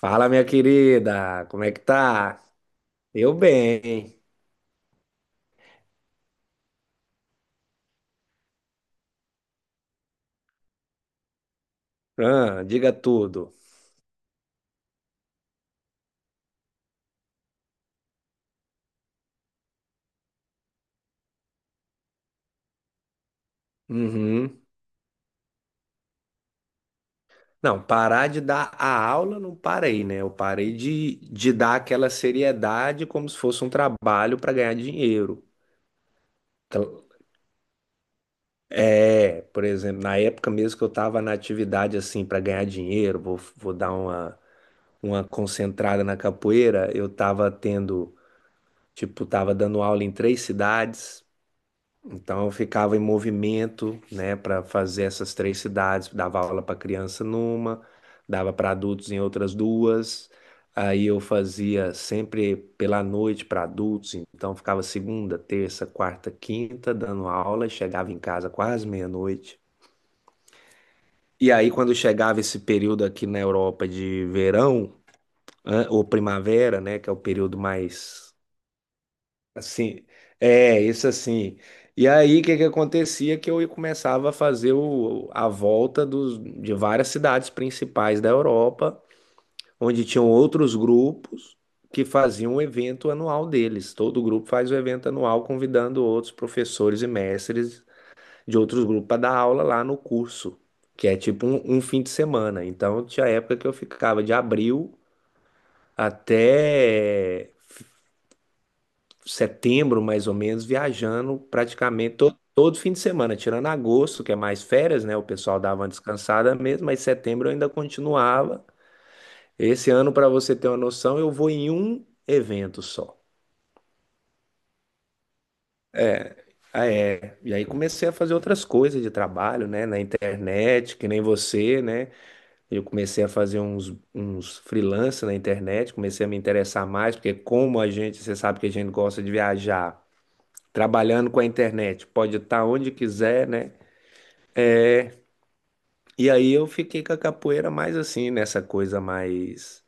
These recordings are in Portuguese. Fala, minha querida, como é que tá? Eu bem. Ah, diga tudo. Uhum. Não, parar de dar a aula não parei, né? Eu parei de dar aquela seriedade como se fosse um trabalho para ganhar dinheiro. Então, é, por exemplo, na época mesmo que eu estava na atividade assim para ganhar dinheiro, vou dar uma concentrada na capoeira, eu estava tendo, tipo, estava dando aula em 3 cidades. Então eu ficava em movimento, né, para fazer essas 3 cidades, dava aula para criança numa, dava para adultos em outras duas. Aí eu fazia sempre pela noite para adultos, então ficava segunda, terça, quarta, quinta dando aula e chegava em casa quase meia-noite. E aí quando chegava esse período aqui na Europa de verão, ou primavera, né, que é o período mais. Assim, é, isso assim. E aí, o que que acontecia? Que eu começava a fazer o, a volta dos, de várias cidades principais da Europa, onde tinham outros grupos que faziam o evento anual deles. Todo grupo faz o evento anual, convidando outros professores e mestres de outros grupos para dar aula lá no curso, que é tipo um, um fim de semana. Então, tinha época que eu ficava de abril até setembro, mais ou menos, viajando praticamente todo fim de semana, tirando agosto, que é mais férias, né? O pessoal dava uma descansada mesmo, mas setembro eu ainda continuava. Esse ano, para você ter uma noção, eu vou em um evento só. Ah, é. E aí comecei a fazer outras coisas de trabalho, né? Na internet, que nem você, né? Eu comecei a fazer uns freelance na internet, comecei a me interessar mais, porque como a gente, você sabe que a gente gosta de viajar, trabalhando com a internet, pode estar onde quiser, né? E aí eu fiquei com a capoeira mais assim, nessa coisa mais.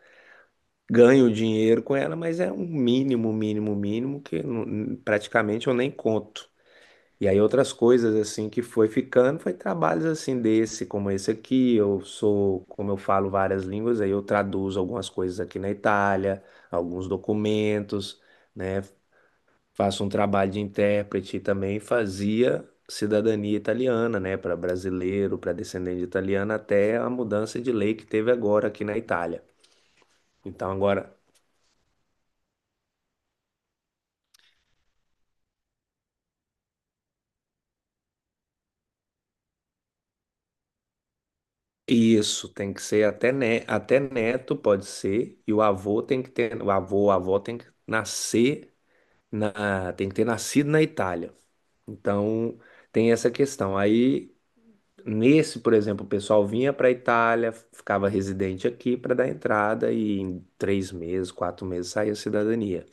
Ganho dinheiro com ela, mas é um mínimo, mínimo, mínimo que praticamente eu nem conto. E aí outras coisas assim que foi ficando, foi trabalhos assim desse, como esse aqui. Eu sou, como eu falo várias línguas, aí eu traduzo algumas coisas aqui na Itália, alguns documentos, né? Faço um trabalho de intérprete e também fazia cidadania italiana, né, para brasileiro, para descendente de italiano até a mudança de lei que teve agora aqui na Itália. Então agora isso tem que ser até neto pode ser e o avô tem que ter o avô, a avó tem que nascer na tem que ter nascido na Itália. Então tem essa questão. Aí. Nesse, por exemplo, o pessoal vinha para a Itália, ficava residente aqui para dar entrada e em 3 meses, 4 meses saía a cidadania.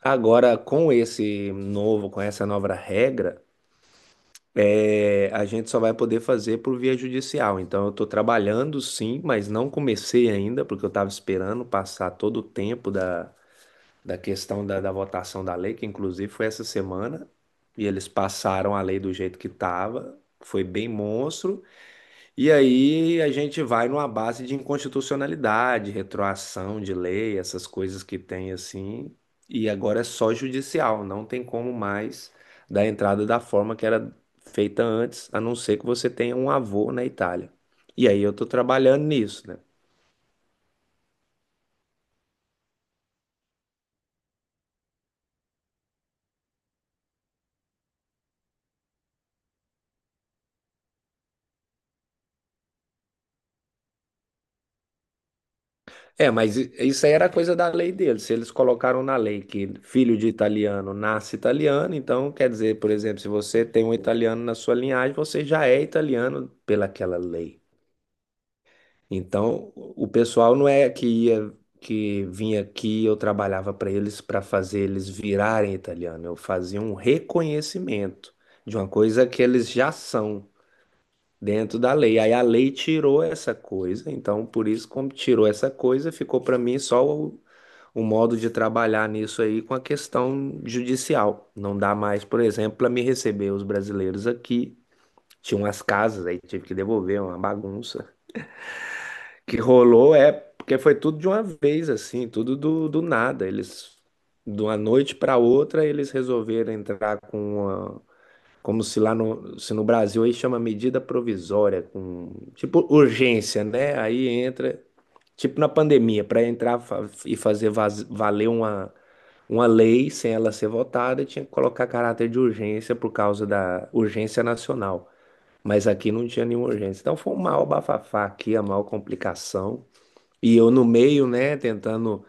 Agora, com esse novo, com essa nova regra, é, a gente só vai poder fazer por via judicial. Então, eu estou trabalhando sim, mas não comecei ainda, porque eu estava esperando passar todo o tempo da questão da votação da lei, que inclusive foi essa semana, e eles passaram a lei do jeito que estava, foi bem monstro. E aí a gente vai numa base de inconstitucionalidade, retroação de lei, essas coisas que tem assim. E agora é só judicial, não tem como mais dar entrada da forma que era feita antes, a não ser que você tenha um avô na Itália. E aí eu tô trabalhando nisso, né? É, mas isso aí era coisa da lei deles. Se eles colocaram na lei que filho de italiano nasce italiano, então quer dizer, por exemplo, se você tem um italiano na sua linhagem, você já é italiano pelaquela lei. Então, o pessoal não é que ia, que vinha aqui, eu trabalhava para eles para fazer eles virarem italiano. Eu fazia um reconhecimento de uma coisa que eles já são dentro da lei. Aí a lei tirou essa coisa, então por isso como tirou essa coisa, ficou para mim só o modo de trabalhar nisso aí com a questão judicial. Não dá mais, por exemplo, para me receber os brasileiros aqui. Tinha umas casas aí, tive que devolver uma bagunça que rolou é porque foi tudo de uma vez, assim, tudo do nada. Eles, de uma noite para outra, eles resolveram entrar com uma, como se lá no, se no Brasil aí chama medida provisória, com tipo urgência, né? Aí entra, tipo na pandemia, para entrar e fazer valer uma lei sem ela ser votada, tinha que colocar caráter de urgência por causa da urgência nacional. Mas aqui não tinha nenhuma urgência. Então foi um maior bafafá aqui, a maior complicação. E eu no meio, né, tentando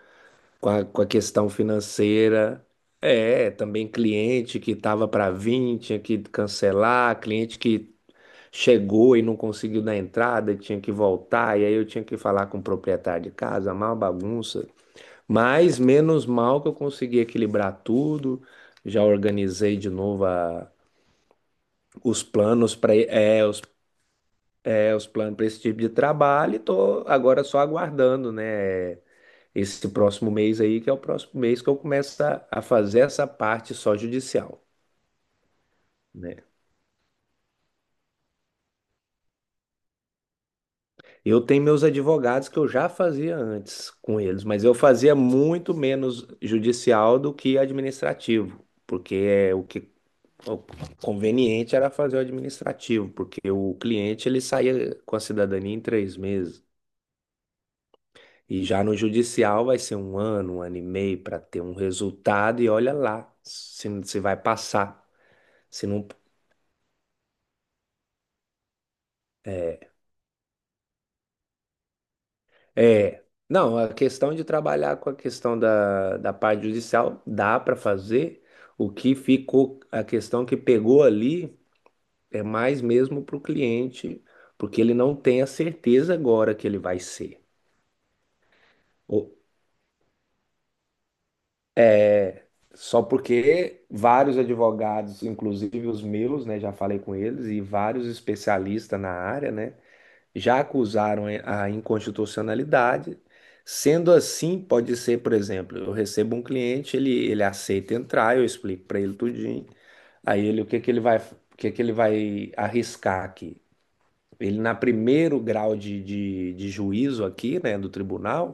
com a questão financeira. É, também cliente que estava para vir, tinha que cancelar, cliente que chegou e não conseguiu dar entrada, tinha que voltar, e aí eu tinha que falar com o proprietário de casa, uma bagunça. Mas menos mal que eu consegui equilibrar tudo, já organizei de novo os planos para é, os planos para esse tipo de trabalho e tô agora só aguardando, né? Esse próximo mês aí, que é o próximo mês que eu começo a fazer essa parte só judicial, né? Eu tenho meus advogados que eu já fazia antes com eles, mas eu fazia muito menos judicial do que administrativo, porque é o que o conveniente era fazer o administrativo, porque o cliente ele saía com a cidadania em 3 meses. E já no judicial vai ser um ano e meio para ter um resultado, e olha lá se vai passar. Se não. É, não, a questão de trabalhar com a questão da parte judicial dá para fazer. O que ficou, a questão que pegou ali é mais mesmo para o cliente, porque ele não tem a certeza agora que ele vai ser. Ou-. Só porque vários advogados, inclusive os meus, né, já falei com eles, e vários especialistas na área, né, já acusaram a inconstitucionalidade. Sendo assim, pode ser, por exemplo, eu recebo um cliente, ele aceita entrar, eu explico para ele tudinho. Aí ele, o que que ele vai, o que que ele vai arriscar aqui? Ele, na primeiro grau de juízo aqui, né, do tribunal,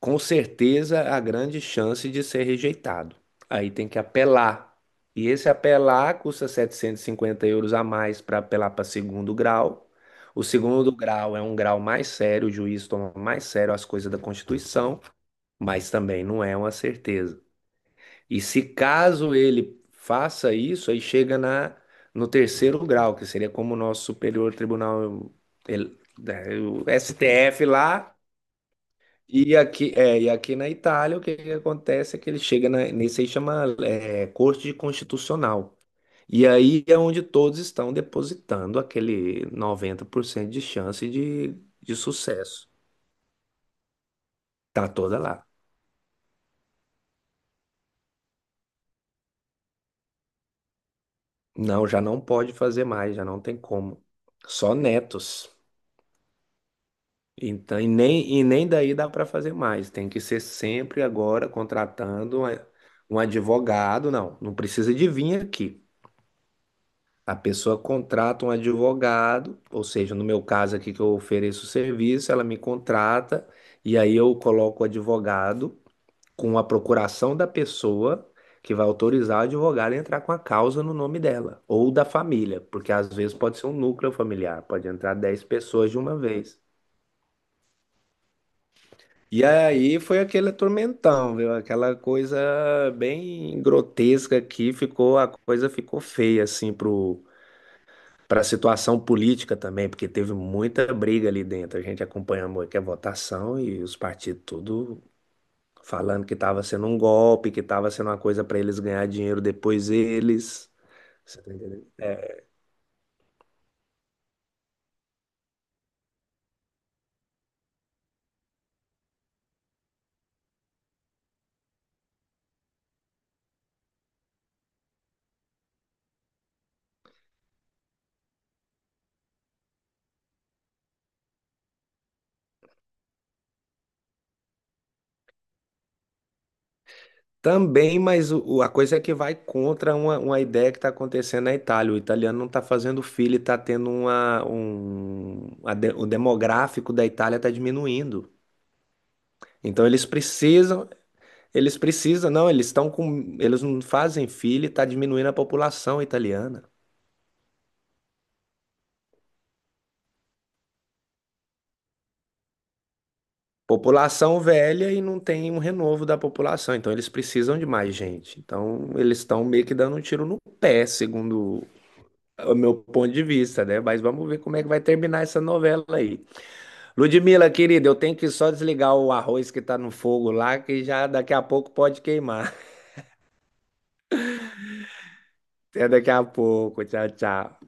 com certeza a grande chance de ser rejeitado. Aí tem que apelar. E esse apelar custa 750 euros a mais para apelar para segundo grau. O segundo grau é um grau mais sério, o juiz toma mais sério as coisas da Constituição, mas também não é uma certeza. E se caso ele faça isso, aí no terceiro grau, que seria como o nosso Superior Tribunal, né, o STF lá, e aqui, é, e aqui na Itália, o que que acontece é que ele nesse aí chama é, Corte Constitucional. E aí é onde todos estão depositando aquele 90% de chance de sucesso. Tá toda lá. Não, já não pode fazer mais, já não tem como. Só netos. Então, e nem daí dá para fazer mais. Tem que ser sempre agora contratando um advogado. Não, não precisa de vir aqui. A pessoa contrata um advogado, ou seja, no meu caso aqui que eu ofereço o serviço, ela me contrata e aí eu coloco o advogado com a procuração da pessoa que vai autorizar o advogado a entrar com a causa no nome dela ou da família, porque às vezes pode ser um núcleo familiar, pode entrar 10 pessoas de uma vez. E aí foi aquele tormentão, viu? Aquela coisa bem grotesca que ficou, a coisa ficou feia assim pro para a situação política também, porque teve muita briga ali dentro. A gente acompanhou aqui a votação e os partidos tudo falando que estava sendo um golpe, que estava sendo uma coisa para eles ganhar dinheiro depois eles. Você tá entendendo? Também, mas a coisa é que vai contra uma ideia que está acontecendo na Itália. O italiano não está fazendo filho, está tendo uma, um, o demográfico da Itália está diminuindo. Então eles precisam, eles precisam, não, eles estão com, eles não fazem filho e tá diminuindo a população italiana. População velha e não tem um renovo da população, então eles precisam de mais gente. Então eles estão meio que dando um tiro no pé, segundo o meu ponto de vista, né? Mas vamos ver como é que vai terminar essa novela aí. Ludmila, querida, eu tenho que só desligar o arroz que tá no fogo lá, que já daqui a pouco pode queimar. Até daqui a pouco. Tchau, tchau.